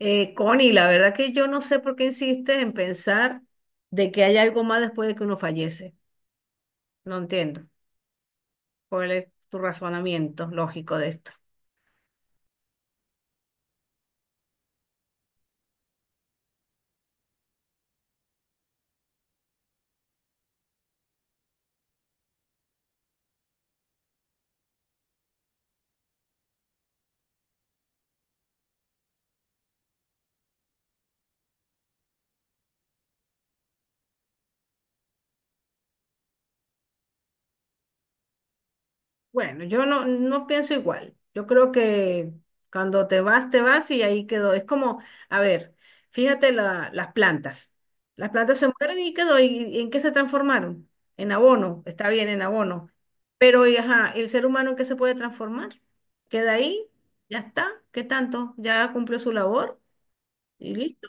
Connie, la verdad que yo no sé por qué insistes en pensar de que hay algo más después de que uno fallece. No entiendo cuál es tu razonamiento lógico de esto. Bueno, yo no, no pienso igual. Yo creo que cuando te vas y ahí quedó. Es como, a ver, fíjate las plantas. Las plantas se mueren y quedó. ¿Y, en qué se transformaron? En abono. Está bien, en abono. Pero, y ajá, ¿el ser humano en qué se puede transformar? Queda ahí, ya está. ¿Qué tanto? Ya cumplió su labor y listo.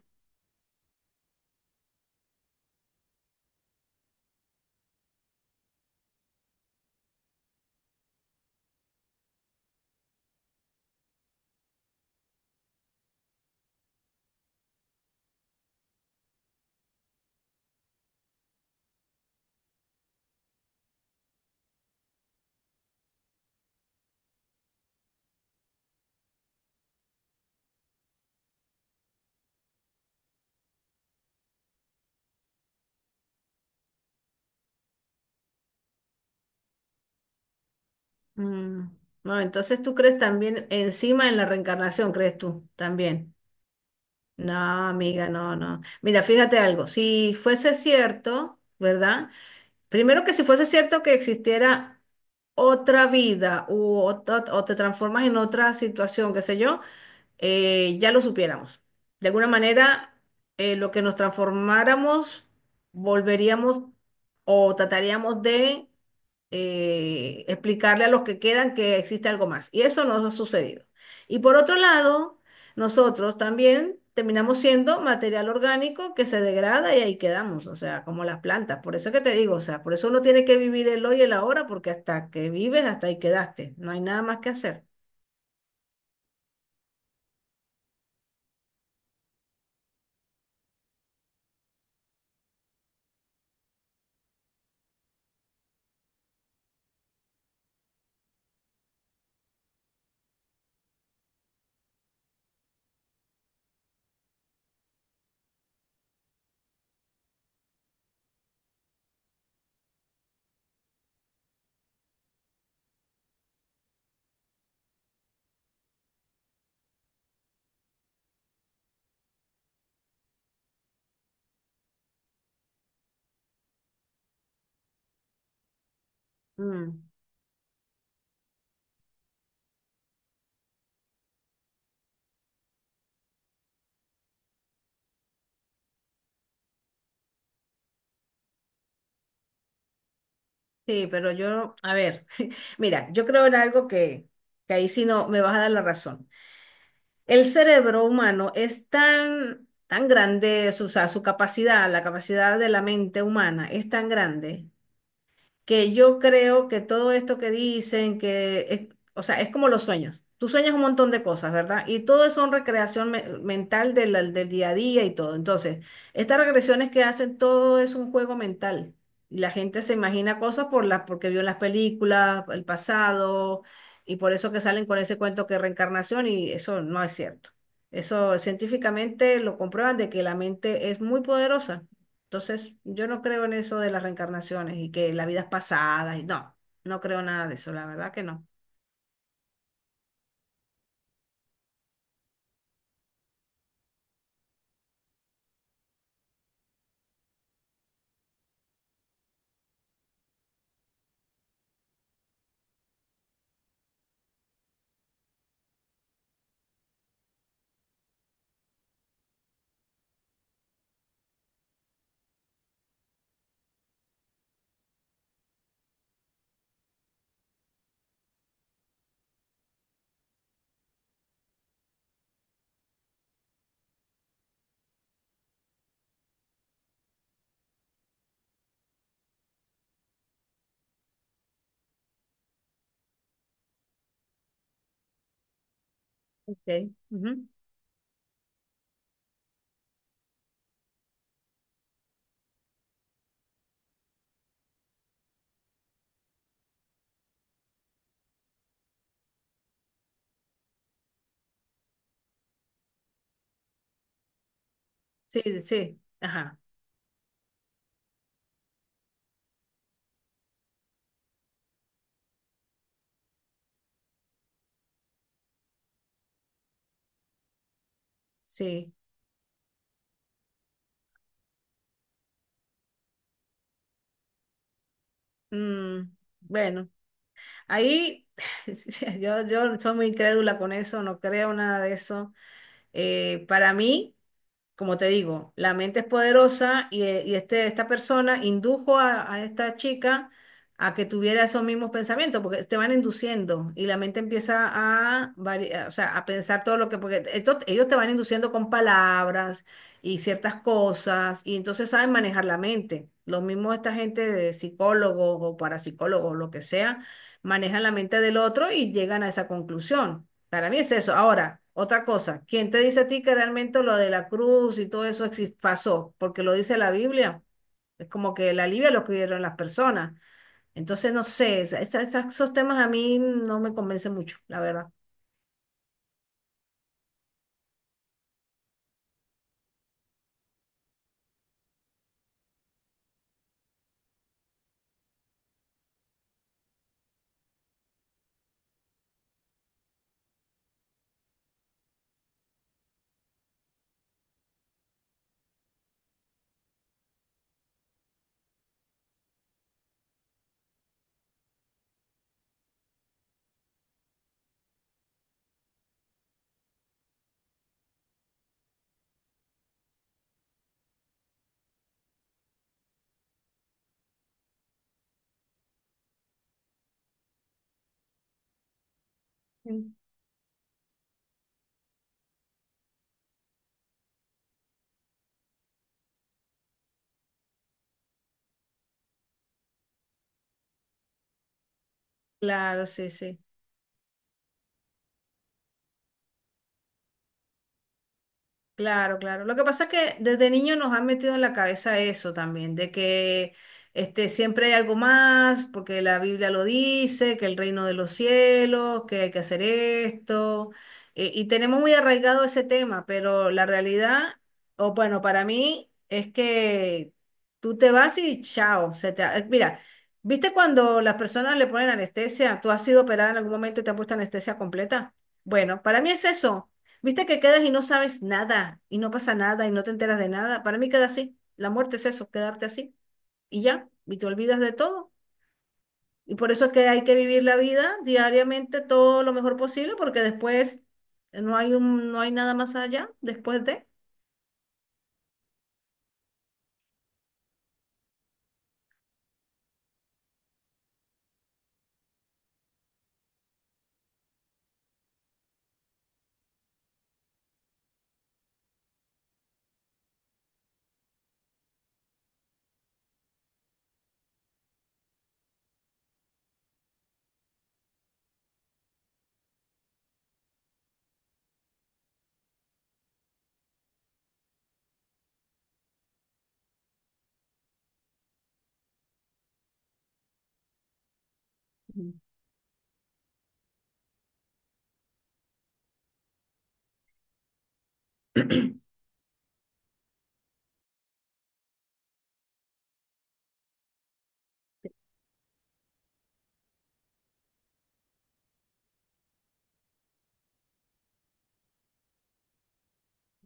Mm, bueno, entonces tú crees también encima en la reencarnación, ¿crees tú? También. No, amiga, no, no. Mira, fíjate algo, si fuese cierto, ¿verdad? Primero que si fuese cierto que existiera otra vida o te transformas en otra situación, qué sé yo, ya lo supiéramos. De alguna manera, lo que nos transformáramos, volveríamos o trataríamos de explicarle a los que quedan que existe algo más. Y eso nos ha sucedido. Y por otro lado, nosotros también terminamos siendo material orgánico que se degrada y ahí quedamos, o sea, como las plantas. Por eso es que te digo, o sea, por eso uno tiene que vivir el hoy y el ahora, porque hasta que vives, hasta ahí quedaste. No hay nada más que hacer. Mm. Sí, pero yo, a ver, mira, yo creo en algo que ahí sí no me vas a dar la razón. El cerebro humano es tan, tan grande, o sea, su capacidad, la capacidad de la mente humana es tan grande que yo creo que todo esto que dicen, o sea, es como los sueños. Tú sueñas un montón de cosas, ¿verdad? Y todo eso es recreación mental de del día a día y todo. Entonces, estas regresiones que hacen, todo es un juego mental. Y la gente se imagina cosas por porque vio en las películas, el pasado, y por eso que salen con ese cuento que reencarnación, y eso no es cierto. Eso científicamente lo comprueban de que la mente es muy poderosa. Entonces, yo no creo en eso de las reencarnaciones y que la vida es pasada no creo nada de eso, la verdad que no. Okay. Ujú. Sí, sí, ajá, sí. Mm, bueno, ahí yo soy muy incrédula con eso, no creo nada de eso. Para mí, como te digo, la mente es poderosa y, esta persona indujo a esta chica a que tuviera esos mismos pensamientos, porque te van induciendo y la mente empieza o sea, a pensar todo lo que, ellos te van induciendo con palabras y ciertas cosas, y entonces saben manejar la mente. Lo mismo esta gente de psicólogos o parapsicólogos, lo que sea, manejan la mente del otro y llegan a esa conclusión. Para mí es eso. Ahora, otra cosa, ¿quién te dice a ti que realmente lo de la cruz y todo eso pasó? Porque lo dice la Biblia. Es como que la Biblia lo escribieron las personas. Entonces, no sé, esos temas a mí no me convencen mucho, la verdad. Mm. Claro, sí, sí. Claro, claro. Lo que pasa es que desde niño nos han metido en la cabeza eso también, de que este, siempre hay algo más, porque la Biblia lo dice, que el reino de los cielos, que hay que hacer esto, y tenemos muy arraigado ese tema, pero la realidad, o bueno, para mí es que tú te vas y chao. Mira, ¿viste cuando las personas le ponen anestesia? ¿Tú has sido operada en algún momento y te han puesto anestesia completa? Bueno, para mí es eso. Viste que quedas y no sabes nada, y no pasa nada, y no te enteras de nada. Para mí queda así. La muerte es eso, quedarte así. Y ya, y te olvidas de todo. Y por eso es que hay que vivir la vida diariamente todo lo mejor posible, porque después no hay nada más allá, después de. Ujú.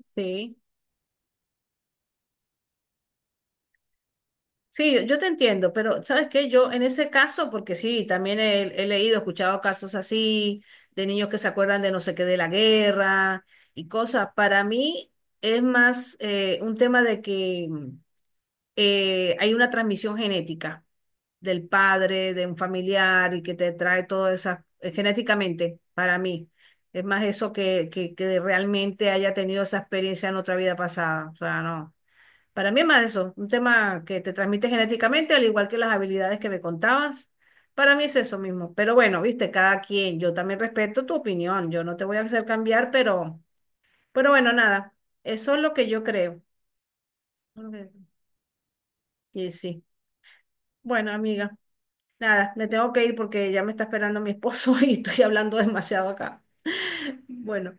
Sí. Sí, yo te entiendo, pero ¿sabes qué? Yo en ese caso, porque sí, también he leído, escuchado casos así, de niños que se acuerdan de no sé qué de la guerra y cosas. Para mí es más un tema de que hay una transmisión genética del padre, de un familiar y que te trae todo eso genéticamente, para mí. Es más eso que realmente haya tenido esa experiencia en otra vida pasada. O sea, no. Para mí es más eso, un tema que te transmite genéticamente, al igual que las habilidades que me contabas. Para mí es eso mismo. Pero bueno, viste, cada quien, yo también respeto tu opinión, yo no te voy a hacer cambiar, pero bueno, nada, eso es lo que yo creo. Y sí, bueno, amiga, nada, me tengo que ir porque ya me está esperando mi esposo y estoy hablando demasiado acá. Bueno.